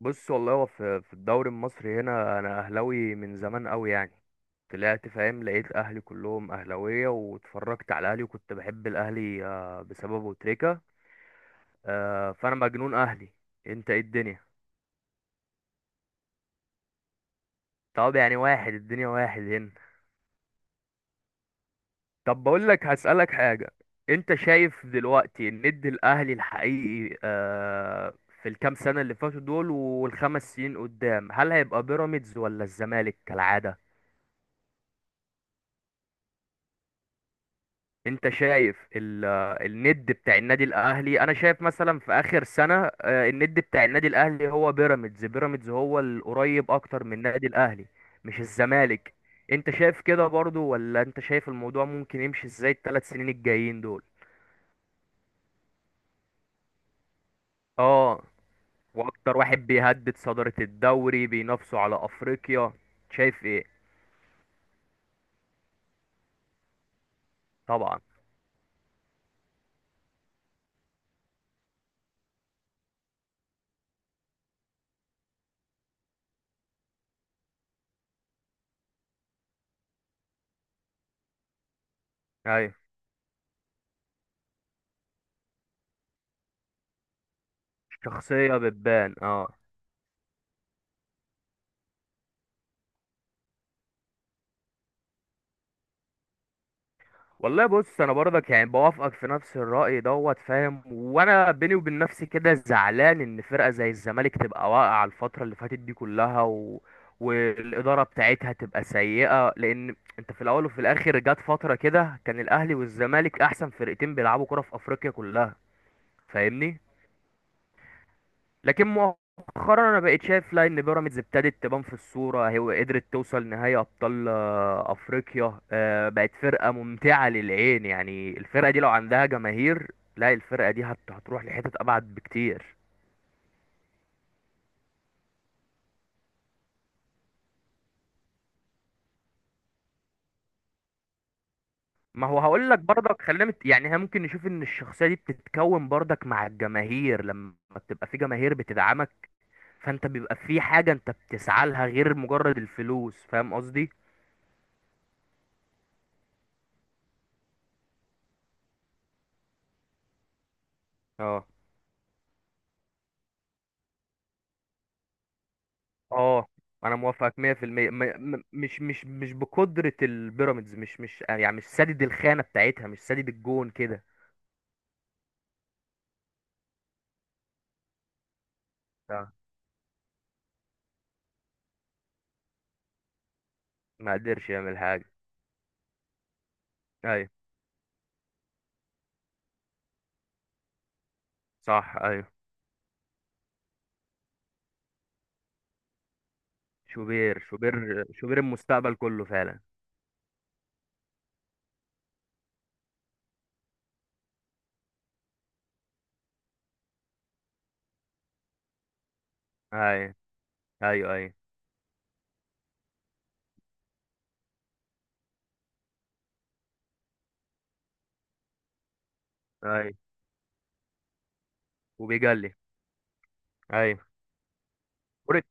بص، والله هو في الدوري المصري هنا، انا اهلاوي من زمان قوي يعني. طلعت فاهم لقيت اهلي كلهم اهلاويه، واتفرجت على اهلي، وكنت بحب الاهلي بسببه تريكا. فانا مجنون اهلي. انت ايه الدنيا؟ طب يعني واحد، الدنيا واحد هنا. طب بقول لك، هسألك حاجه. انت شايف دلوقتي الند الاهلي الحقيقي في الكام سنه اللي فاتوا دول، والخمس سنين قدام، هل هيبقى بيراميدز ولا الزمالك كالعاده؟ انت شايف الند بتاع النادي الاهلي، انا شايف مثلا في اخر سنة، الند بتاع النادي الاهلي هو بيراميدز. بيراميدز هو القريب اكتر من النادي الاهلي، مش الزمالك. انت شايف كده برضو؟ ولا انت شايف الموضوع ممكن يمشي ازاي الثلاث سنين الجايين دول؟ اه. واكتر واحد بيهدد صدارة الدوري بينافسوا على افريقيا. شايف ايه؟ طبعا. ايوه، شخصية بتبان اه. والله بص، انا برضك يعني بوافقك في نفس الرأي دوت فاهم، وانا بيني وبين نفسي كده زعلان ان فرقة زي الزمالك تبقى واقعة الفترة اللي فاتت دي كلها والإدارة بتاعتها تبقى سيئة، لان انت في الاول وفي الاخر جت فترة كده كان الاهلي والزمالك احسن فرقتين بيلعبوا كرة في افريقيا كلها. فاهمني؟ لكن مؤخرا انا بقيت شايف، لا، ان بيراميدز ابتدت تبان في الصوره. هي قدرت توصل نهائي ابطال افريقيا. بقت فرقه ممتعه للعين، يعني الفرقه دي لو عندها جماهير، لا الفرقه دي هتروح لحتت ابعد بكتير. ما هو هقول لك برضك، خلينا يعني احنا ممكن نشوف ان الشخصيه دي بتتكون برضك مع الجماهير، لما بتبقى في جماهير بتدعمك. فانت بيبقى في حاجه انت بتسعى لها غير مجرد الفلوس، فاهم قصدي؟ اه، اه، انا موافقك 100%. مش بقدرة البيراميدز، مش يعني مش سادد الخانة بتاعتها، مش سادد الجون كده. آه. ما قدرش يعمل حاجة. ايوه، صح، ايوه. شوبير، شوبير، شوبير المستقبل كله فعلا. ايوه، ايوه، ايوه، ايوه. وبيجلي. ايوه. كرة.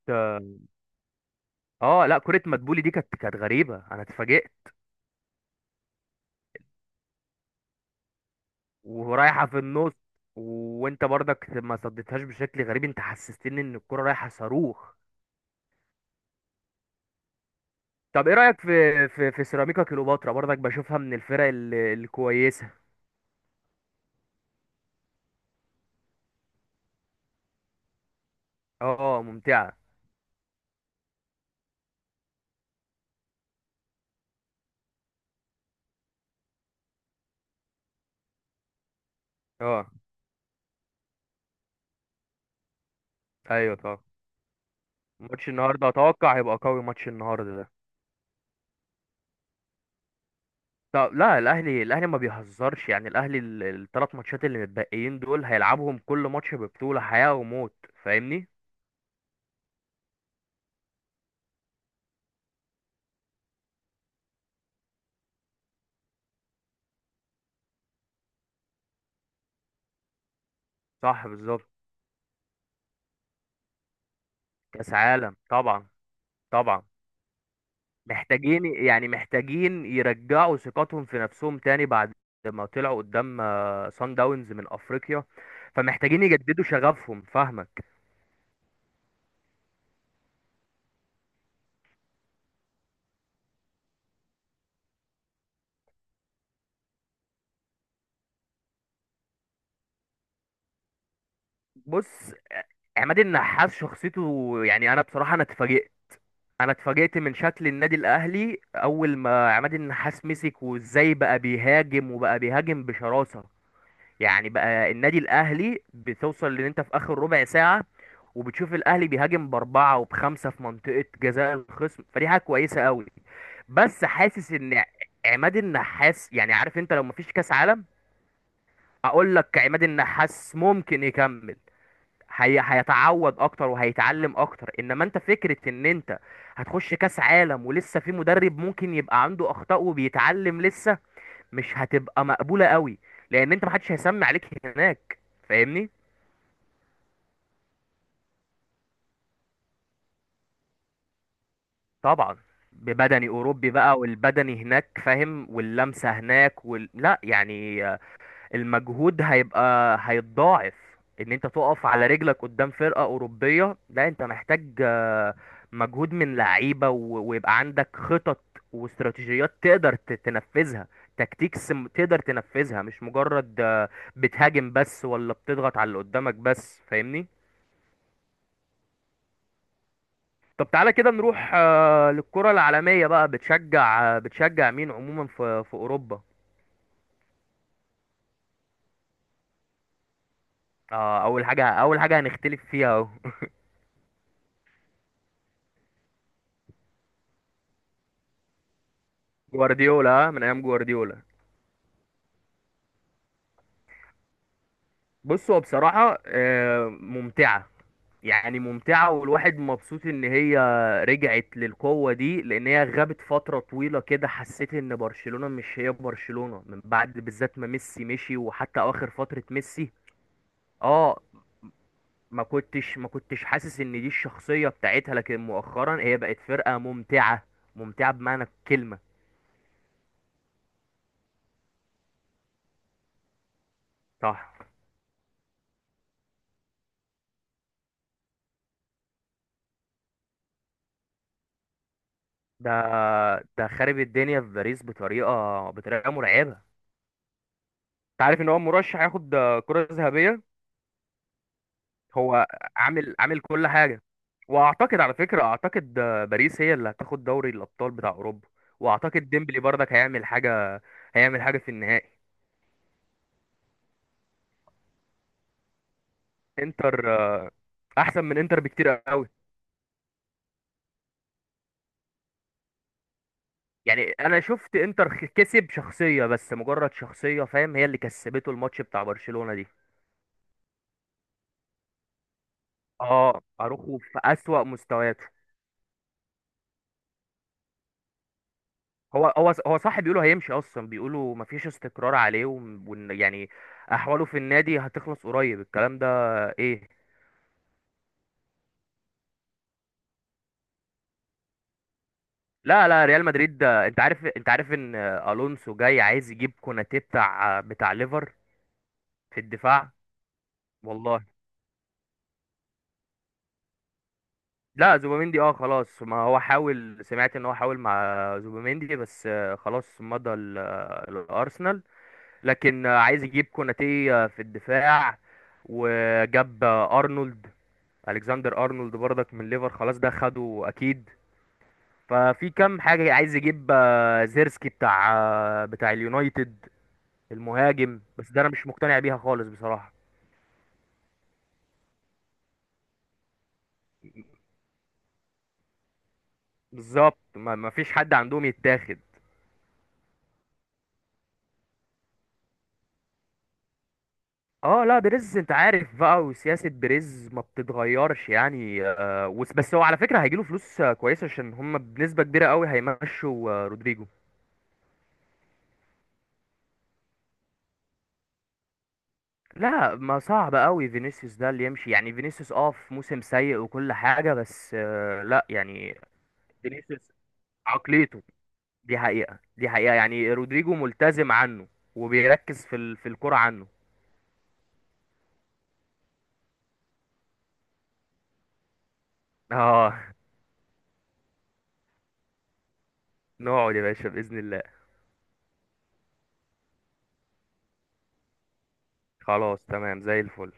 اه، لا، كرة مدبولي دي كانت غريبة، انا اتفاجئت. ورايحة في النص. وانت برضك ما صدتهاش بشكل غريب، انت حسستني ان الكرة رايحة صاروخ. طب ايه رأيك في سيراميكا كليوباترا؟ برضك بشوفها من الفرق الكويسة. اه، ممتعة. اه، ايوه، طبعا. ماتش النهارده اتوقع هيبقى قوي، ماتش النهارده ده. طب لا، الاهلي ما بيهزرش يعني، الاهلي الثلاث ماتشات اللي متبقيين دول هيلعبهم كل ماتش ببطولة حياة وموت. فاهمني؟ صح، بالظبط. كاس عالم طبعا. طبعا. محتاجين، يعني، محتاجين يرجعوا ثقتهم في نفسهم تاني بعد ما طلعوا قدام سان داونز من افريقيا. فمحتاجين يجددوا شغفهم، فاهمك؟ بص، عماد النحاس شخصيته يعني، انا بصراحة انا اتفاجئت. انا اتفاجئت من شكل النادي الاهلي اول ما عماد النحاس مسك، وازاي بقى بيهاجم، وبقى بيهاجم بشراسة. يعني بقى النادي الاهلي بتوصل ان انت في اخر ربع ساعه، وبتشوف الاهلي بيهاجم باربعه وبخمسه في منطقه جزاء الخصم، فدي حاجه كويسه قوي. بس حاسس ان عماد النحاس، يعني، عارف انت لو مفيش كاس عالم، اقول لك عماد النحاس ممكن يكمل. هي هيتعود اكتر وهيتعلم اكتر، انما انت فكره ان انت هتخش كاس عالم ولسه في مدرب ممكن يبقى عنده اخطاء وبيتعلم لسه، مش هتبقى مقبولة قوي، لان انت محدش هيسمي عليك هناك. فاهمني؟ طبعا. ببدني اوروبي بقى، والبدني هناك فاهم، واللمسة هناك لا يعني، المجهود هيتضاعف. ان انت تقف على رجلك قدام فرقة اوروبية، لا انت محتاج مجهود من لعيبة ويبقى عندك خطط واستراتيجيات تقدر تنفذها، تكتيكس تقدر تنفذها، مش مجرد بتهاجم بس، ولا بتضغط على اللي قدامك بس. فاهمني؟ طب تعالى كده نروح للكرة العالمية بقى، بتشجع مين عموما في أوروبا؟ أول حاجة، أول حاجة هنختلف فيها أهو. جوارديولا. من أيام جوارديولا. بص، هو بصراحة ممتعة. يعني ممتعة، والواحد مبسوط إن هي رجعت للقوة دي، لأن هي غابت فترة طويلة كده، حسيت إن برشلونة مش هي برشلونة، من بعد بالذات ما ميسي مشي، وحتى أواخر فترة ميسي. اه. ما كنتش حاسس ان دي الشخصية بتاعتها، لكن مؤخرا هي بقت فرقة ممتعة، ممتعة بمعنى الكلمة. صح. ده ده خارب الدنيا في باريس بطريقة مرعبة. انت عارف ان هو مرشح ياخد كرة ذهبية؟ هو عامل كل حاجة. واعتقد، على فكرة، اعتقد باريس هي اللي هتاخد دوري الابطال بتاع اوروبا. واعتقد ديمبلي برضك هيعمل حاجة، هيعمل حاجة في النهائي. انتر. احسن من انتر بكتير قوي. يعني انا شفت انتر كسب شخصية، بس مجرد شخصية، فاهم؟ هي اللي كسبته الماتش بتاع برشلونة دي. اه، اروخو في اسوأ مستوياته. هو صح، بيقولوا هيمشي اصلا، بيقولوا مفيش استقرار عليه، وان يعني احواله في النادي هتخلص قريب، الكلام ده. ايه؟ لا، لا، ريال مدريد ده انت عارف ان الونسو جاي عايز يجيب كوناتي بتاع ليفر في الدفاع. والله. لا، زوبيميندي خلاص، ما هو حاول، سمعت ان هو حاول مع زوبيميندي، بس خلاص مضى الارسنال. لكن عايز يجيب كوناتي في الدفاع. وجاب ارنولد، الكسندر ارنولد برضك من ليفر، خلاص، ده خده اكيد. ففي كام حاجه، عايز يجيب زيرسكي بتاع اليونايتد، المهاجم، بس ده انا مش مقتنع بيها خالص بصراحه. بالظبط، ما فيش حد عندهم يتاخد. اه، لا، بريز انت عارف بقى، وسياسة بريز ما بتتغيرش يعني بس هو على فكرة هيجيله فلوس كويسة، عشان هم بنسبة كبيرة قوي هيمشوا رودريجو. لا، ما صعب قوي فينيسيوس ده اللي يمشي، يعني فينيسيوس في موسم سيء وكل حاجة، بس لا يعني. فينيسيوس. عقليته. دي حقيقة، دي حقيقة، يعني رودريجو ملتزم عنه، وبيركز في الكرة عنه. اه. نقعد يا باشا، بإذن الله. خلاص، تمام، زي الفل.